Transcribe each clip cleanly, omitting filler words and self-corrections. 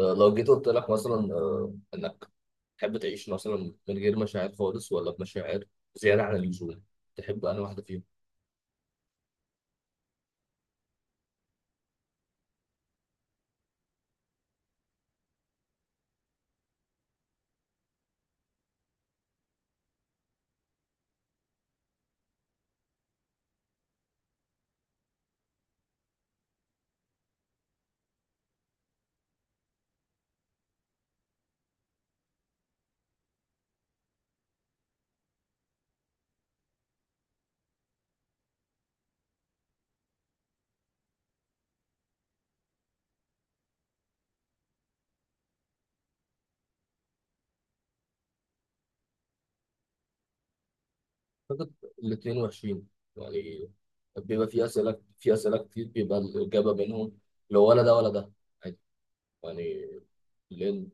لو جيت قلت لك مثلا انك تحب تعيش مثلا من غير مشاعر خالص ولا بمشاعر زياده عن اللزوم تحب انا واحده فيهم. اعتقد الاثنين وحشين، يعني بيبقى في اسئله في اسئله كتير بيبقى الاجابه بينهم، لو ولا ده ولا ده عادي يعني. لان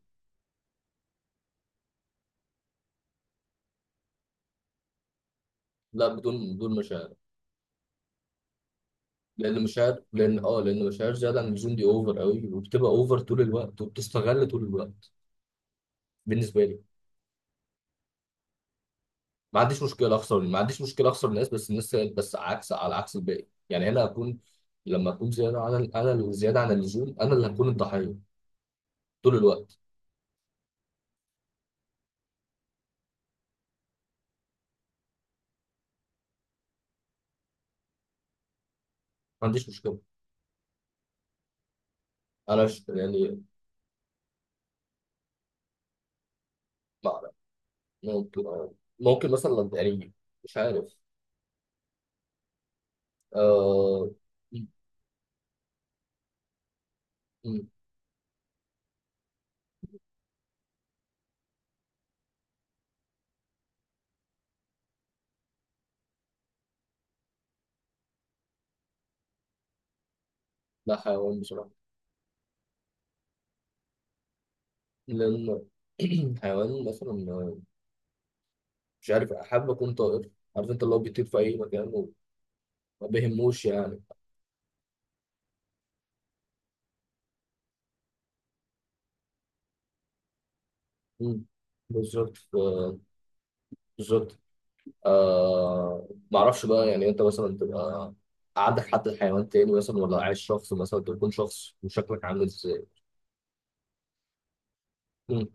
لا بدون مشاعر. لان مشاعر لان لان مشاعر زياده عن اللزوم دي اوفر قوي وبتبقى اوفر طول الوقت وبتستغل طول الوقت بالنسبه لي. ما عنديش مشكله اخسر، ما عنديش مشكله اخسر الناس، بس الناس بس عكس على عكس الباقي، يعني انا هكون لما اكون زياده عن انا اللي زياده عن اللزوم انا اللي هكون الضحيه طول الوقت. ما عنديش مشكله. انا يعني ما أعرف. ممكن، ممكن مثلا يعني مش عارف آه... م- م- لا حيوان بصراحه. لان حيوان مثلا مش عارف حابب اكون طائر، عارف انت اللي هو بيطير في اي مكان وما بيهموش يعني. م. بالظبط آه، بالظبط. آه معرفش بقى، يعني انت مثلا تبقى عندك حد حيوان تاني مثلا، ولا عايش شخص مثلا تكون شخص وشكلك عامل ازاي؟ مم.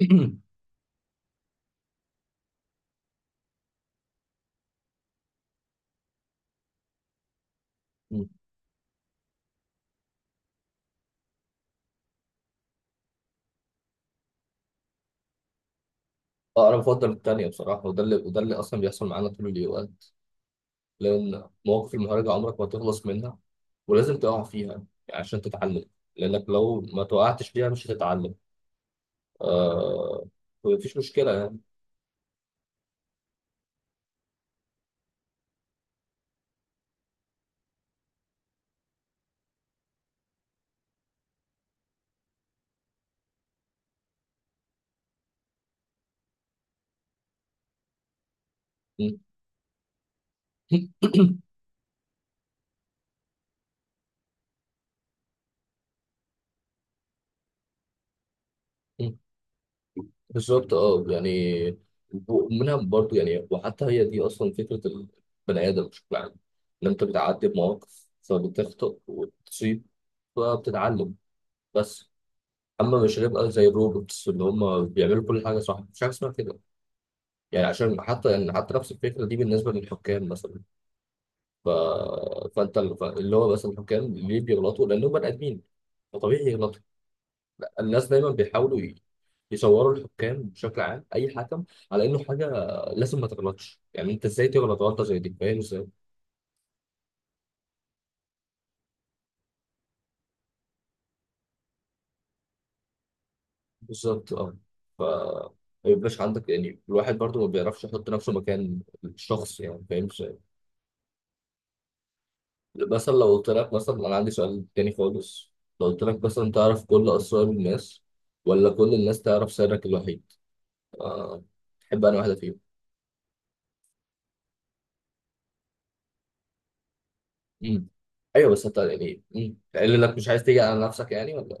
مم. اه انا بفضل التانية بصراحة، وده اللي وده اللي اصلا بيحصل معانا طول الوقت. لان مواقف المهرجة عمرك ما تخلص منها ولازم تقع فيها عشان تتعلم، لانك لو ما توقعتش فيها مش هتتعلم. آه، مفيش مشكلة يعني. بالظبط اه يعني، ومنها برضو يعني. وحتى هي دي اصلا فكره البني ادم بشكل عام، ان انت بتعدي بمواقف فبتخطئ وتصيب فبتتعلم، بس اما مش هنبقى زي الروبوتس اللي هم بيعملوا كل حاجه صح، مش حاجه اسمها كده يعني. عشان حتى يعني حتى نفس الفكره دي بالنسبه للحكام مثلا، ف... فانت اللي هو مثلا الحكام ليه بيغلطوا؟ لانهم بني ادمين، فطبيعي يغلطوا. الناس دايما بيحاولوا يصوروا الحكام بشكل عام، اي حكم، على انه حاجه لازم ما تغلطش. يعني انت ازاي تغلط غلطه زي دي؟ فاهم ازاي؟ بالظبط اه. ف ما يبقاش عندك يعني، الواحد برضو ما بيعرفش يحط نفسه مكان الشخص يعني، فاهم ازاي؟ مثلا لو قلت لك مثلا انا عندي سؤال تاني خالص. لو قلت لك مثلا تعرف كل اسرار الناس، ولا كل الناس تعرف سرك الوحيد، أه، تحب انا واحده فيهم؟ مم. ايوه بس انت يعني، تقول لك مش عايز تيجي على نفسك يعني، ولا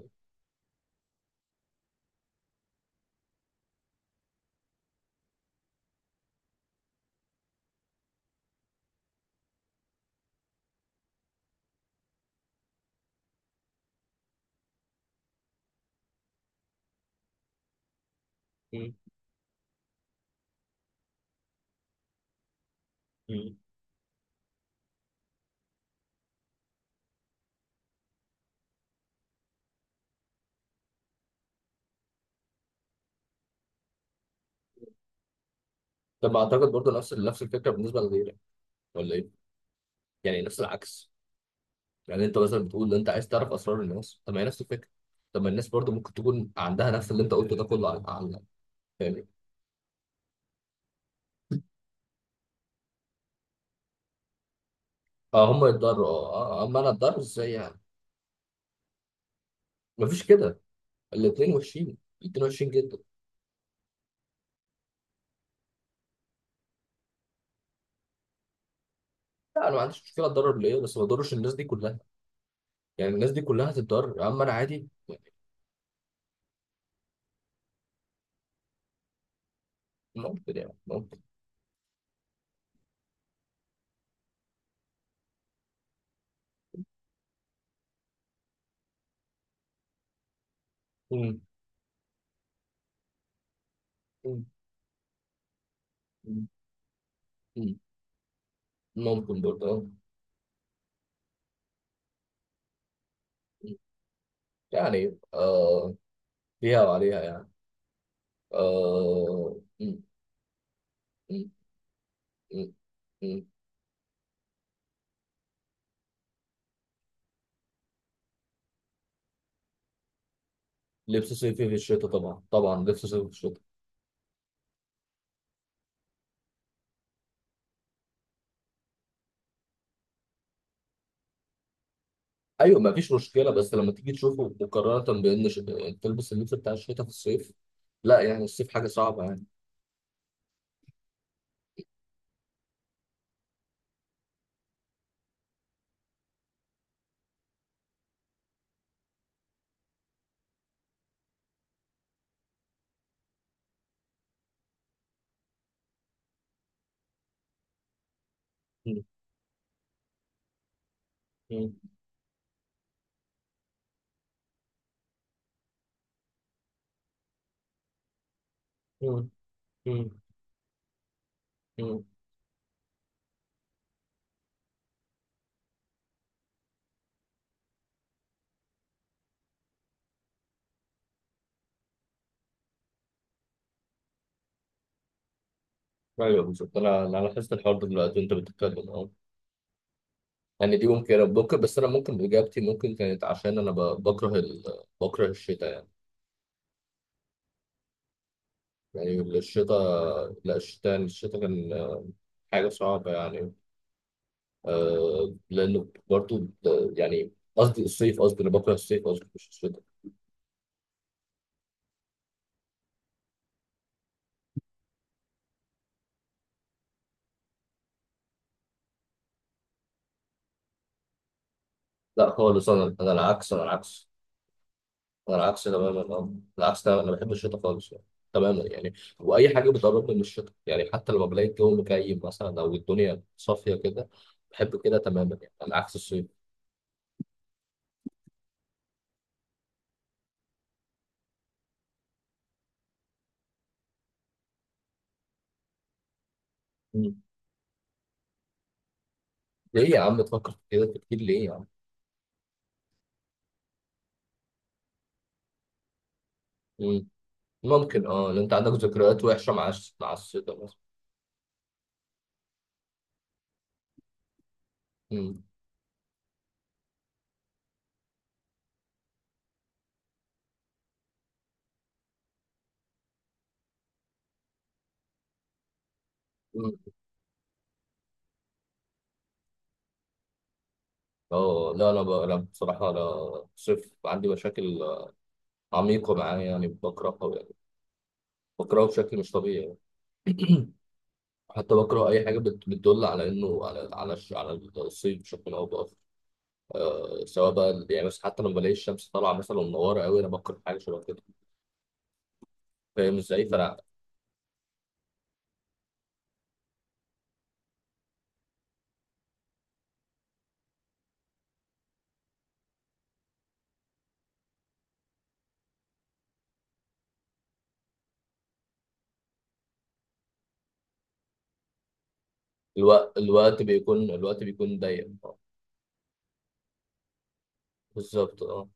مم. لما اعتقد برضه نفس الفكره بالنسبه لغيرك، ولا ايه؟ يعني نفس العكس. يعني انت مثلا بتقول ان انت عايز تعرف اسرار الناس، طب ما هي نفس الفكره، طب ما الناس برضه ممكن تكون عندها نفس اللي انت قلته ده كله عن عنك يعني. اه هم يتضروا اه، آه، آه، اما انا اتضرر ازاي يعني؟ مفيش كده. الاثنين وحشين، الاثنين وحشين جدا. لا انا ما عنديش مشكله اتضرر ليه، بس ما اضرش الناس دي كلها، يعني الناس دي كلها هتتضرر اما انا عادي. ممكن يعني ممكن. مم. مم. مم. ممكن برضه آه. يعني آه، فيها وعليها يعني. آه... م- م- م- م. لبس صيفي في الشتاء، طبعا طبعا لبس صيفي في الشتاء. ايوه ما فيش مشكله، بس لما تيجي تشوفه مقارنه بان تلبس اللبس بتاع الشتاء في الصيف، لا يعني الصيف حاجه صعبه يعني. م- م- م- م- م. ايوه بالظبط، انا لاحظت الحوار ده دلوقتي وانت بتتكلم اه. يعني دي ممكن ممكن، بس انا ممكن اجابتي ممكن كانت عشان انا بكره بكره الشتاء يعني. يعني الشتاء، لا الشتاء الشتاء كان حاجه صعبه يعني، لانه برضو يعني قصدي الصيف، قصدي انا بكره الصيف، قصدي مش الشتاء. لا خالص، انا العكس، انا العكس، انا العكس تماما، اه العكس تماما، انا بحب الشتاء خالص يعني. تماما يعني. واي حاجه بتقربني من الشتاء يعني، حتى لما بلاقي الجو مكيف مثلا او الدنيا صافيه كده بحب كده تماما يعني، على عكس الصيف. مم. ليه يا عم تفكر في كده كتير؟ ليه يا عم؟ مم. ممكن اه، لان انت عندك ذكريات وحشه مع مع الشتاء مثلا. مم. مم. اه لا، انا أنا بصراحه انا صيف عندي مشاكل عميقة معايا، يعني بقرأ قوي يعني، بقرأه بشكل مش طبيعي يعني. حتى بقرأ أي حاجة بتدل على إنه على على على الصيف بشكل أو بآخر. آه سواء بقى يعني، بس حتى لما بلاقي الشمس طالعة مثلا منورة قوي أنا بقرأ حاجة شبه كده. فاهم إزاي؟ فأنا الوقت بيكون، الوقت بيكون ضيق، آه، بالظبط اه.